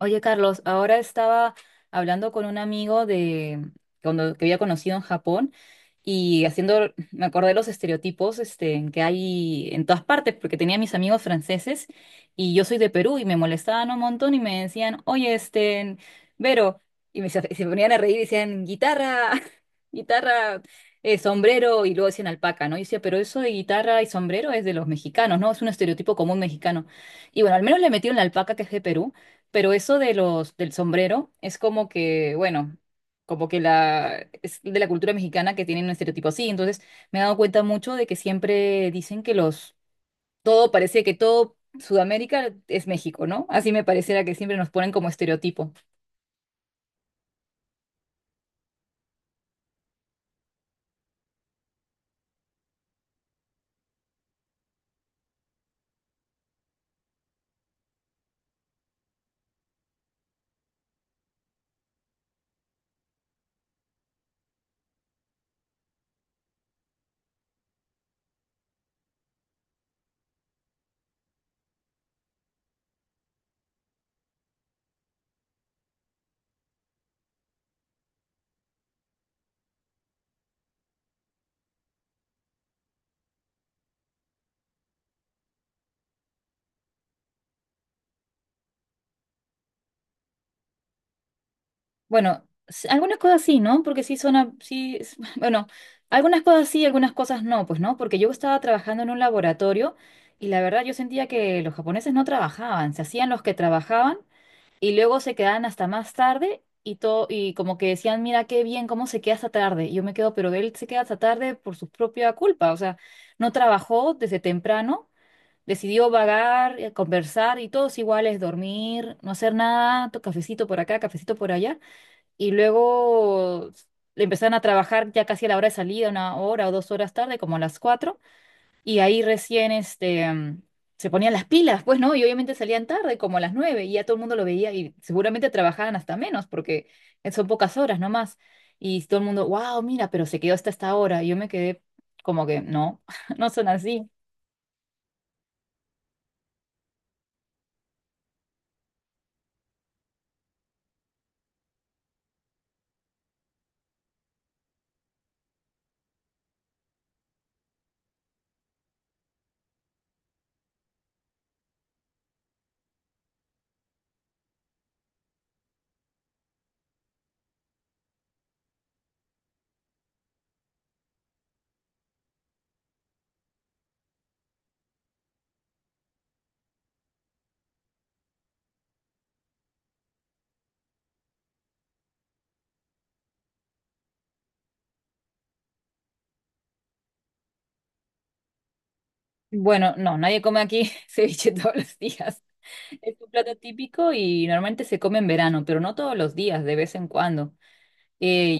Oye, Carlos, ahora estaba hablando con un amigo de cuando que había conocido en Japón y haciendo, me acordé de los estereotipos este, que hay en todas partes, porque tenía mis amigos franceses y yo soy de Perú y me molestaban un montón y me decían, oye, este, Vero, y me, se ponían a reír y decían, guitarra, guitarra, sombrero y luego decían alpaca, ¿no? Y decía, pero eso de guitarra y sombrero es de los mexicanos, ¿no? Es un estereotipo común mexicano. Y bueno, al menos le metieron la alpaca que es de Perú. Pero eso de los del sombrero es como que, bueno, como que la es de la cultura mexicana que tienen un estereotipo así. Entonces, me he dado cuenta mucho de que siempre dicen que los todo parece que todo Sudamérica es México, ¿no? Así me pareciera que siempre nos ponen como estereotipo. Bueno, algunas cosas sí, ¿no? Porque sí son sí, bueno, algunas cosas sí, algunas cosas no, pues no, porque yo estaba trabajando en un laboratorio y la verdad yo sentía que los japoneses no trabajaban, se hacían los que trabajaban y luego se quedaban hasta más tarde y todo, y como que decían, mira qué bien, cómo se queda hasta tarde. Y yo me quedo, pero él se queda hasta tarde por su propia culpa, o sea, no trabajó desde temprano, decidió vagar, conversar y todos iguales, dormir, no hacer nada, cafecito por acá, cafecito por allá. Y luego le empezaron a trabajar ya casi a la hora de salida, una hora o dos horas tarde, como a las cuatro. Y ahí recién este, se ponían las pilas, pues, ¿no? Y obviamente salían tarde, como a las nueve, y ya todo el mundo lo veía y seguramente trabajaban hasta menos, porque son pocas horas nomás. Y todo el mundo, wow, mira, pero se quedó hasta esta hora. Y yo me quedé como que, no, no son así. Bueno, no, nadie come aquí ceviche todos los días. Es un plato típico y normalmente se come en verano, pero no todos los días, de vez en cuando. Eh,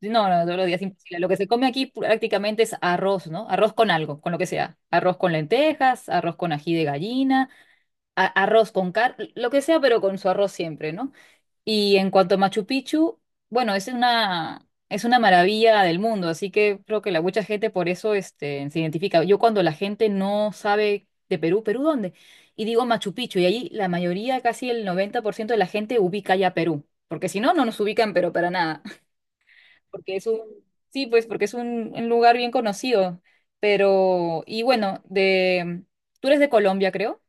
Sí, no, no, todos los días imposible. Lo que se come aquí prácticamente es arroz, ¿no? Arroz con algo, con lo que sea. Arroz con lentejas, arroz con ají de gallina, arroz con carne, lo que sea, pero con su arroz siempre, ¿no? Y en cuanto a Machu Picchu, bueno, es una maravilla del mundo, así que creo que la mucha gente por eso este, se identifica. Yo cuando la gente no sabe de Perú, ¿Perú dónde? Y digo Machu Picchu, y ahí la mayoría, casi el 90% de la gente ubica ya Perú, porque si no, no nos ubican, pero para nada porque es un, sí, pues porque es un lugar bien conocido, pero, y bueno, de, tú eres de Colombia, creo,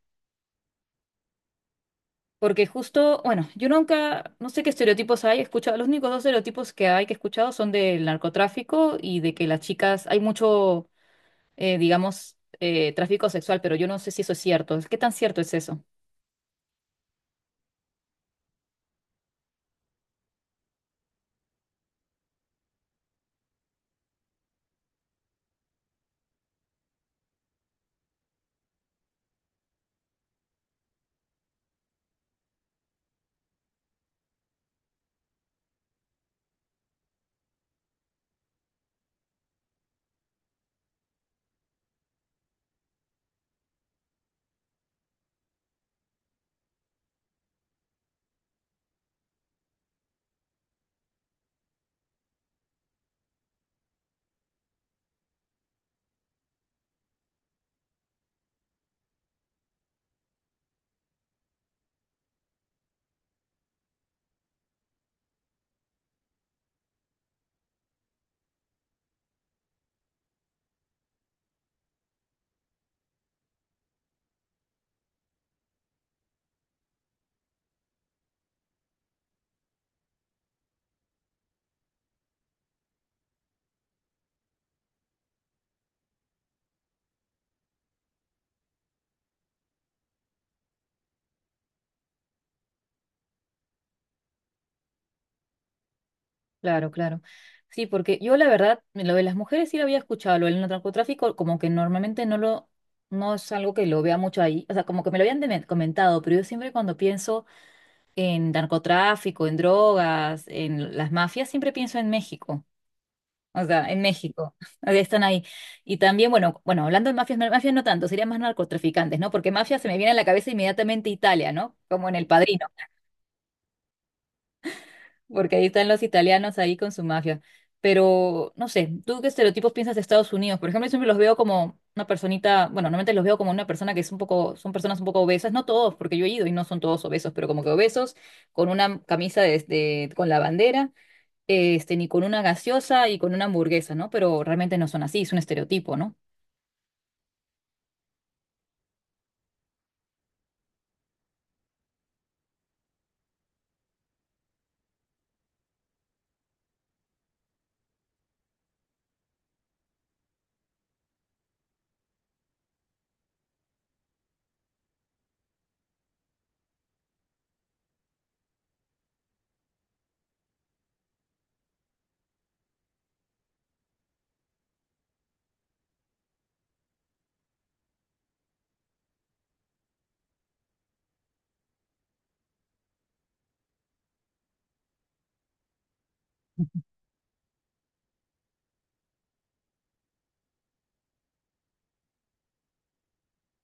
porque justo, bueno, yo nunca, no sé qué estereotipos hay, he escuchado, los únicos dos estereotipos que hay que he escuchado son del narcotráfico y de que las chicas, hay mucho, digamos, tráfico sexual, pero yo no sé si eso es cierto, ¿qué tan cierto es eso? Claro, claro. Sí, porque yo la verdad, lo de las mujeres sí lo había escuchado, lo del narcotráfico, como que normalmente no lo, no es algo que lo vea mucho ahí, o sea, como que me lo habían comentado, pero yo siempre cuando pienso en narcotráfico, en drogas, en las mafias, siempre pienso en México, o sea, en México, o sea, están ahí. Y también, bueno, bueno, hablando de mafias, mafias no tanto, serían más narcotraficantes, ¿no? Porque mafia se me viene a la cabeza inmediatamente Italia, ¿no? Como en El Padrino. Porque ahí están los italianos ahí con su mafia. Pero, no sé, ¿tú qué estereotipos piensas de Estados Unidos? Por ejemplo, yo siempre los veo como una personita, bueno, normalmente los veo como una persona que es un poco, son personas un poco obesas, no todos, porque yo he ido y no son todos obesos, pero como que obesos, con una camisa de, con la bandera, este, ni con una gaseosa y con una hamburguesa, ¿no? Pero realmente no son así, es un estereotipo, ¿no?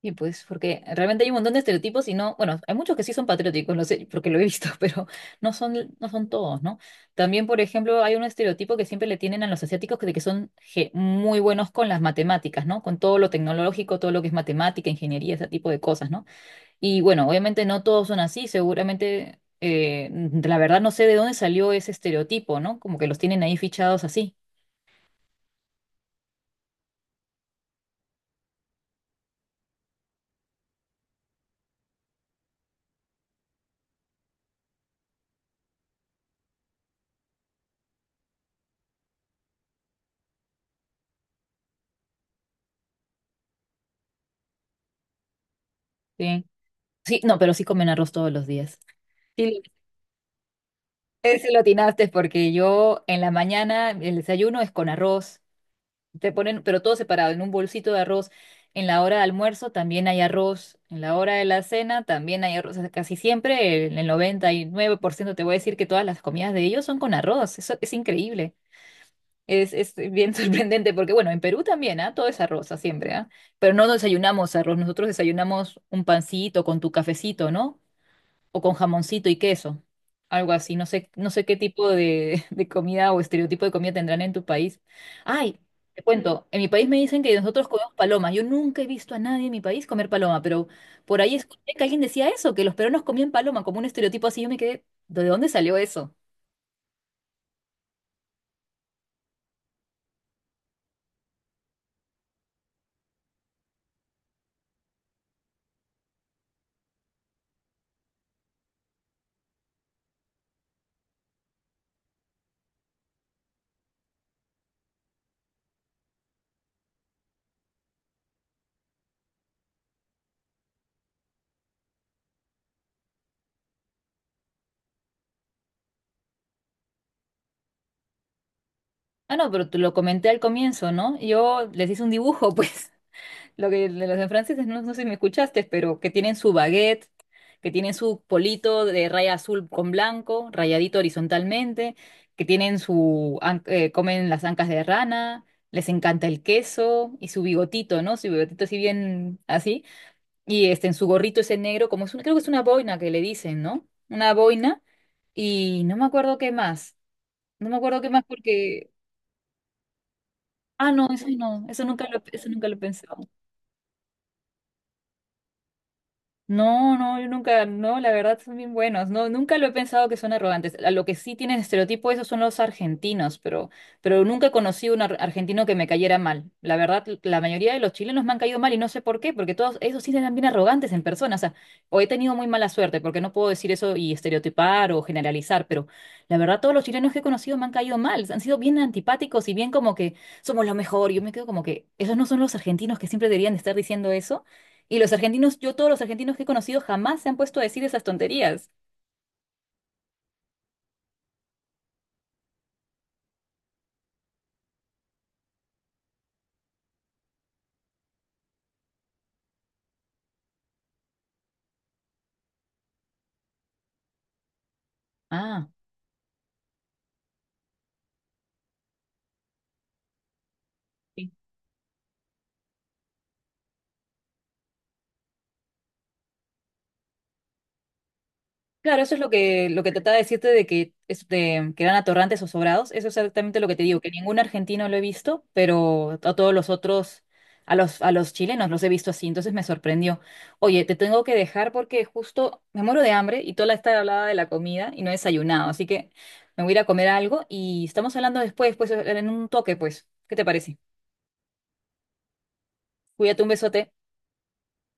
Y pues, porque realmente hay un montón de estereotipos y no, bueno, hay muchos que sí son patrióticos, no sé, porque lo he visto, pero no son, no son todos, ¿no? También, por ejemplo, hay un estereotipo que siempre le tienen a los asiáticos de que son muy buenos con las matemáticas, ¿no? Con todo lo tecnológico, todo lo que es matemática, ingeniería, ese tipo de cosas, ¿no? Y bueno, obviamente no todos son así, seguramente, la verdad no sé de dónde salió ese estereotipo, ¿no? Como que los tienen ahí fichados así. Sí, sí, no, pero sí comen arroz todos los días. Sí, ese lo atinaste porque yo en la mañana el desayuno es con arroz. Te ponen, pero todo separado, en un bolsito de arroz. En la hora de almuerzo también hay arroz. En la hora de la cena también hay arroz. O sea, casi siempre, en el 99% te voy a decir que todas las comidas de ellos son con arroz. Eso es increíble. Es bien sorprendente porque, bueno, en Perú también, ¿ah? Todo es arroz, ah, siempre, ¿ah? Pero no desayunamos arroz. Nosotros desayunamos un pancito con tu cafecito, ¿no? O con jamoncito y queso, algo así. No sé, no sé qué tipo de, de comida o estereotipo de comida tendrán en tu país. Ay, te cuento, en mi país me dicen que nosotros comemos paloma. Yo nunca he visto a nadie en mi país comer paloma, pero por ahí escuché que alguien decía eso, que los peruanos comían paloma, como un estereotipo así. Yo me quedé, ¿de dónde salió eso? Ah, no, pero te lo comenté al comienzo, ¿no? Yo les hice un dibujo, pues. Lo que de los en franceses, no, no sé si me escuchaste, pero que tienen su baguette, que tienen su polito de raya azul con blanco, rayadito horizontalmente, que tienen su, comen las ancas de rana, les encanta el queso y su bigotito, ¿no? Su bigotito así bien así. Y este, en su gorrito ese negro, como es un- creo que es una boina que le dicen, ¿no? Una boina. Y no me acuerdo qué más. No me acuerdo qué más porque... Ah, no, eso no, eso nunca lo he pensado. No, no, yo nunca, no, la verdad son bien buenos. No, nunca lo he pensado que son arrogantes. A lo que sí tienen estereotipo esos son los argentinos, pero nunca conocí un argentino que me cayera mal. La verdad, la mayoría de los chilenos me han caído mal y no sé por qué, porque todos esos sí eran bien arrogantes en persona. O sea, o he tenido muy mala suerte, porque no puedo decir eso y estereotipar o generalizar, pero la verdad todos los chilenos que he conocido me han caído mal. Han sido bien antipáticos y bien como que somos lo mejor. Yo me quedo como que esos no son los argentinos que siempre deberían estar diciendo eso. Y los argentinos, yo todos los argentinos que he conocido jamás se han puesto a decir esas tonterías. Ah, sí. Claro, eso es lo que trataba de decirte de que, este, que eran atorrantes o sobrados. Eso es exactamente lo que te digo, que ningún argentino lo he visto, pero a todos los otros, a los chilenos los he visto así, entonces me sorprendió. Oye, te tengo que dejar porque justo me muero de hambre y toda la esta hablaba de la comida y no he desayunado, así que me voy a ir a comer algo y estamos hablando después, pues en un toque, pues. ¿Qué te parece? Cuídate, un besote.